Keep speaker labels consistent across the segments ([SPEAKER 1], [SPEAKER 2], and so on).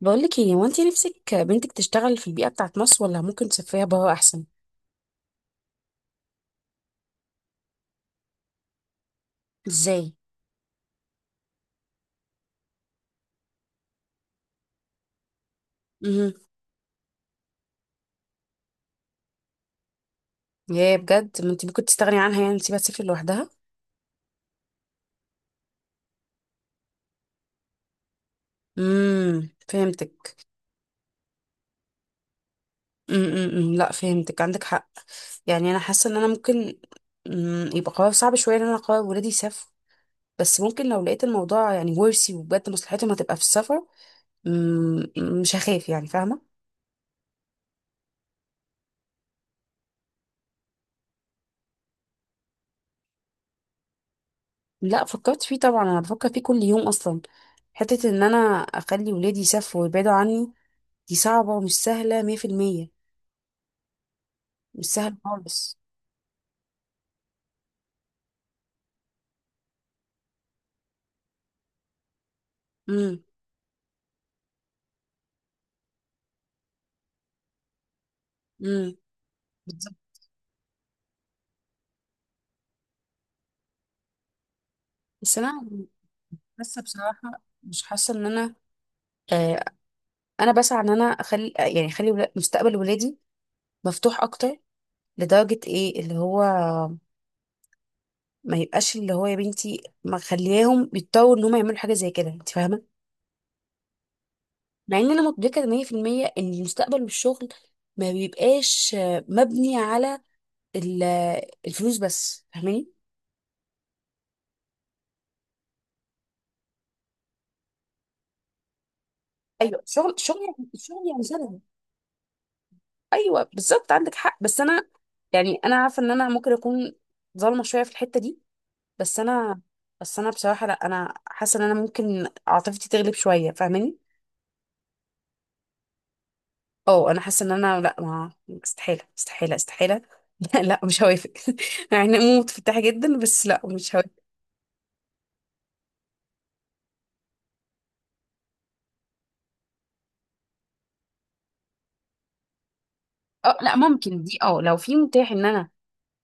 [SPEAKER 1] بقولك ايه، هو انت نفسك بنتك تشتغل في البيئة بتاعت مصر ولا ممكن تسافريها برا احسن؟ ازاي؟ امم. يا بجد، ما انت ممكن تستغني عنها، يعني تسيبها تسافر لوحدها؟ امم، فهمتك. امم، لا، فهمتك، عندك حق. يعني انا حاسة ان انا ممكن. يبقى قرار صعب شوية ان انا اقرر ولادي يسافروا، بس ممكن لو لقيت الموضوع يعني ورثي وبجد مصلحتهم هتبقى في السفر. مم. مش هخاف، يعني فاهمة. لا، فكرت فيه طبعا، انا بفكر فيه كل يوم اصلا. حتة ان انا اخلي ولادي يسافروا ويبعدوا عني، دي صعبة ومش سهلة 100%. مش سهلة خالص. امم. امم. بالظبط. بس أنا حاسة بصراحة، مش حاسة إن أنا، آه أنا بسعى إن أنا أخلي، يعني أخلي مستقبل ولادي مفتوح أكتر، لدرجة إيه اللي هو ما يبقاش، اللي هو يا بنتي ما خليهم يضطروا إن هم يعملوا حاجة زي كده، أنت فاهمة؟ مع إن أنا مدركة 100% إن المستقبل والشغل ما بيبقاش مبني على ال- الفلوس بس، فاهماني؟ ايوه، الشغل الشغل يعني، الشغل يعني سند. ايوه بالظبط، عندك حق، بس انا يعني انا عارفه ان انا ممكن اكون ظالمه شويه في الحته دي. بس انا، بس انا بصراحه، لا، انا حاسه ان انا ممكن عاطفتي تغلب شويه، فاهماني. اه، انا حاسه ان انا، لا، ما، استحاله استحاله استحاله. لا لا، مش هوافق. يعني أنا متفتحه جدا، بس لا، مش هوافق. اه لا، ممكن دي، لو في متاح ان انا،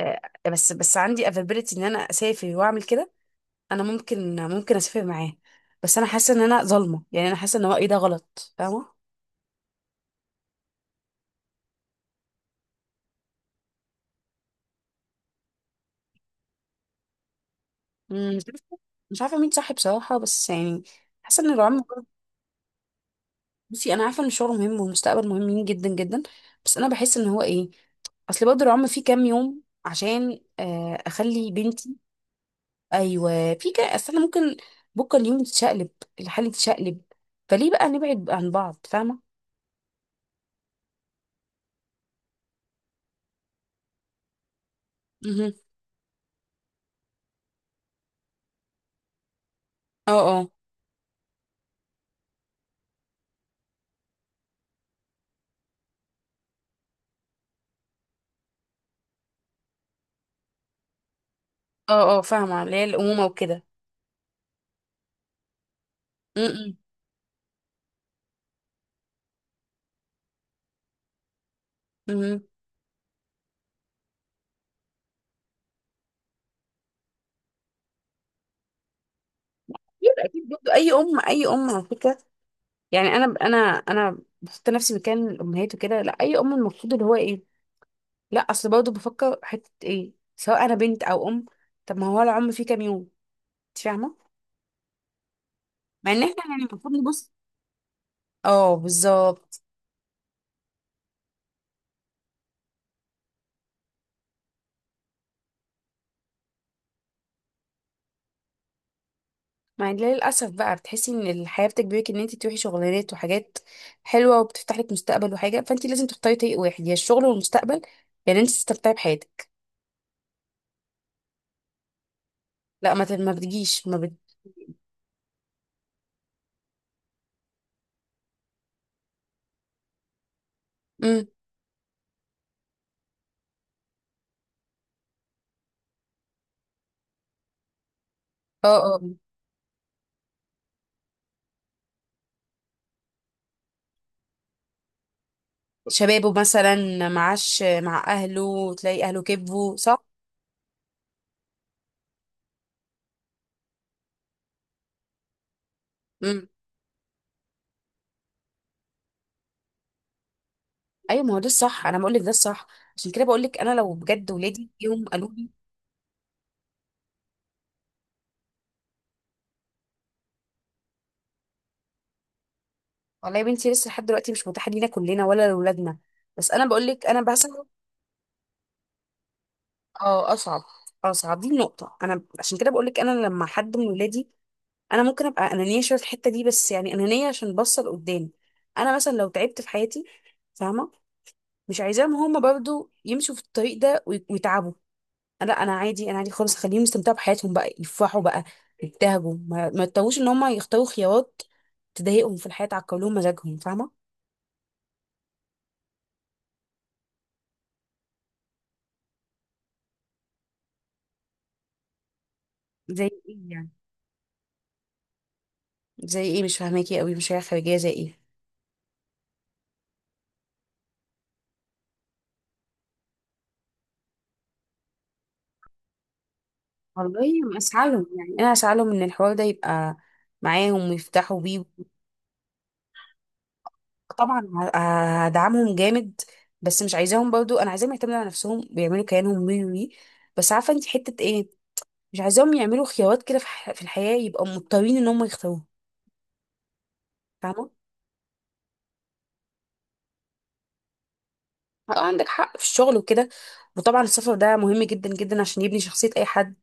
[SPEAKER 1] آه، بس عندي افابيلتي ان انا اسافر واعمل كده، انا ممكن اسافر معاه. بس انا حاسه ان انا ظالمه، يعني انا حاسه ان رايي ده غلط، فاهمه. مش عارفة، مش عارفة مين صح بصراحة، بس يعني حاسة ان الرعاة بصي، انا عارفة ان الشغل مهم والمستقبل مهمين جدا جدا، بس انا بحس ان هو ايه، اصل برضه الرعاة في كام يوم عشان اخلي بنتي، ايوه في كام، اصل انا ممكن بكره اليوم تتشقلب، الحالة تتشقلب، فليه بقى نبعد عن بعض؟ فاهمة؟ مهم. اه اه. اه اه، فاهمة اللي هي الأمومة وكده. امم. امم. اكيد اكيد، برضه اي ام اي ام على فكرة. يعني انا بحط نفسي مكان الامهات وكده، لا اي ام المفروض اللي هو ايه، لا اصل برضه بفكر حته ايه، سواء انا بنت او ام، طب ما هو العمر فيه كام يوم، انت فاهمه، مع ان احنا يعني المفروض نبص. اه بالظبط. مع ان للاسف بقى بتحسي ان الحياه بتجبرك ان انت تروحي شغلانات وحاجات حلوه وبتفتح لك مستقبل وحاجه، فانت لازم تختاري طريق واحد، يا الشغل والمستقبل، يعني انت تستمتعي بحياتك. لا، ما بتجيش، ما بت... مم. اه اه. شبابه مثلا، معاش مع اهله، تلاقي اهله كبوا، صح. امم. ايوه، ما هو ده الصح، انا بقول لك ده الصح. عشان كده بقول لك، انا لو بجد ولادي يوم قالوا لي. والله يا بنتي، لسه لحد دلوقتي مش متاحه لينا كلنا ولا لاولادنا، بس انا بقول لك انا بسعى. اه اصعب. اصعب، دي النقطه. انا عشان كده بقول لك، انا لما حد من ولادي، انا ممكن ابقى انانيه شويه في الحته دي، بس يعني انانيه عشان بصل قدام. انا مثلا لو تعبت في حياتي، فاهمه، مش عايزاهم هما برضو يمشوا في الطريق ده ويتعبوا، لا انا عادي، انا عادي خالص، خليهم يستمتعوا بحياتهم بقى، يفرحوا بقى، يبتهجوا، ما يضطروش ان هم يختاروا خيارات تضايقهم في الحياه، تعكر لهم مزاجهم، فاهمه. زي ايه يعني؟ زي ايه؟ مش فاهماكي قوي، مشاريع خارجيه زي ايه؟ والله ما اسعالهم، يعني انا اسعالهم ان الحوار ده يبقى معاهم ويفتحوا بيه. طبعا، هدعمهم جامد، بس مش عايزاهم برضو، انا عايزاهم يعتمدوا على نفسهم ويعملوا كيانهم وي وي، بس عارفه انت حته ايه، مش عايزاهم يعملوا خيارات كده في الحياه يبقوا مضطرين ان هم يختاروها، فاهمه. اه عندك حق في الشغل وكده، وطبعا السفر ده مهم جدا جدا عشان يبني شخصية أي حد،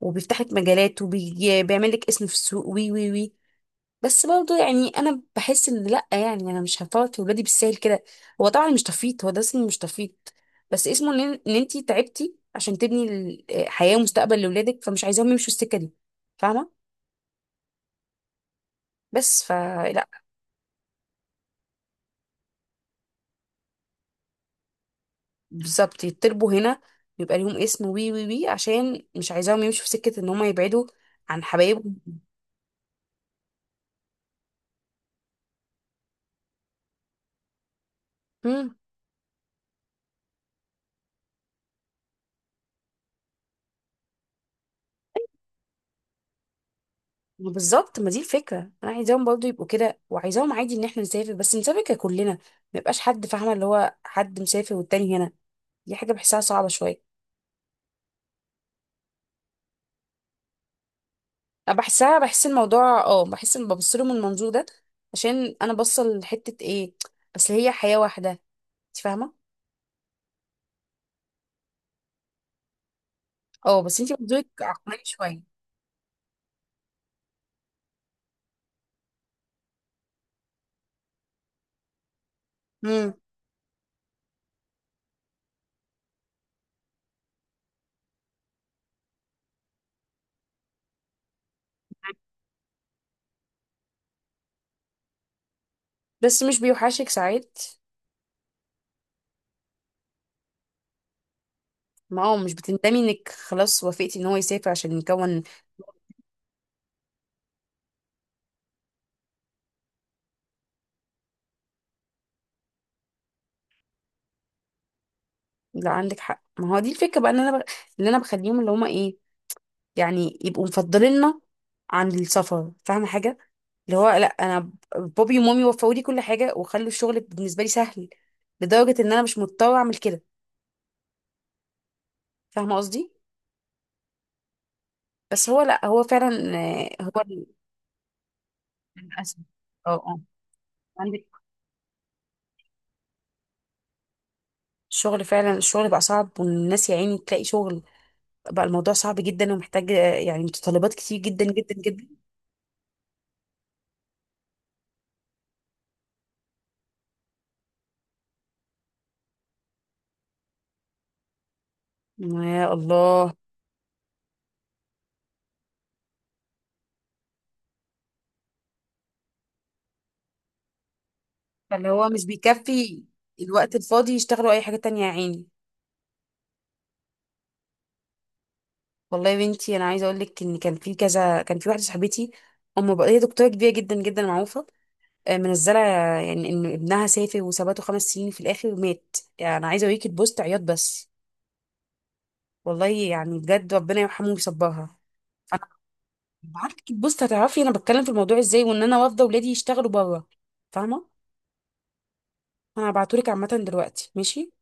[SPEAKER 1] وبيفتح لك مجالات وبيعمل لك اسم في السوق وي وي وي، بس برضه يعني أنا بحس إن لأ، يعني أنا مش هفوت في ولادي بالسهل كده. هو طبعا مش تفيت، هو ده اسمه مش تفيت، بس اسمه إن أنتي تعبتي عشان تبني حياة ومستقبل لأولادك، فمش عايزاهم يمشوا السكة دي، فاهمة؟ بس فلأ. بالظبط، يتربوا هنا، يبقى ليهم اسم وي وي وي، عشان مش عايزاهم يمشوا في سكة إن هما يبعدوا عن حبايبهم. ما بالظبط، ما دي الفكره، انا عايزاهم برضو يبقوا كده، وعايزاهم عادي ان احنا نسافر، بس نسافر ككلنا، ما يبقاش حد، فاهمه، اللي هو حد مسافر والتاني هنا، دي حاجه بحسها صعبه شويه. انا بحسها، بحس الموضوع، بحس ان ببص له من المنظور ده، عشان انا بصل لحته ايه، اصل هي حياه واحده، انت فاهمه. اه بس انت منظورك عقلاني شويه. امم. بس مش بيوحشك ساعات؟ ما هو مش بتندمي انك خلاص وافقتي ان هو يسافر عشان يكون. لو عندك حق، ما هو دي الفكره بقى، ان انا اللي انا بخليهم، اللي هما ايه، يعني يبقوا مفضليننا عن السفر، فاهمة حاجة؟ اللي هو لا، انا بابي ومامي وفقوا لي كل حاجة وخلوا الشغل بالنسبة لي سهل، لدرجة ان انا مش مضطرة اعمل كده، فاهمة قصدي. بس هو لا، هو فعلا، هو للأسف. اه اه. عندك الشغل فعلا، الشغل بقى صعب، والناس يا عيني تلاقي شغل، بقى الموضوع صعب جدا، ومحتاج يعني متطلبات كتير جدا جدا جدا. يا الله، فاللي هو مش بيكفي، الوقت الفاضي يشتغلوا اي حاجة تانية يا عيني. والله يا بنتي، انا عايزه اقول لك، ان كان في كذا، كان في واحده صاحبتي ام، بقى هي دكتوره كبيره جدا جدا معروفه، منزله، يعني ان ابنها سافر وثبته 5 سنين، في الاخر مات، يعني انا عايزه اوريك البوست، عياط بس، والله يعني بجد، ربنا يرحمه ويصبرها. انا بعتلك البوست هتعرفي انا بتكلم في الموضوع ازاي، وان انا رافضه ولادي يشتغلوا بره، فاهمه. انا هبعتهولك، عامه دلوقتي ماشي.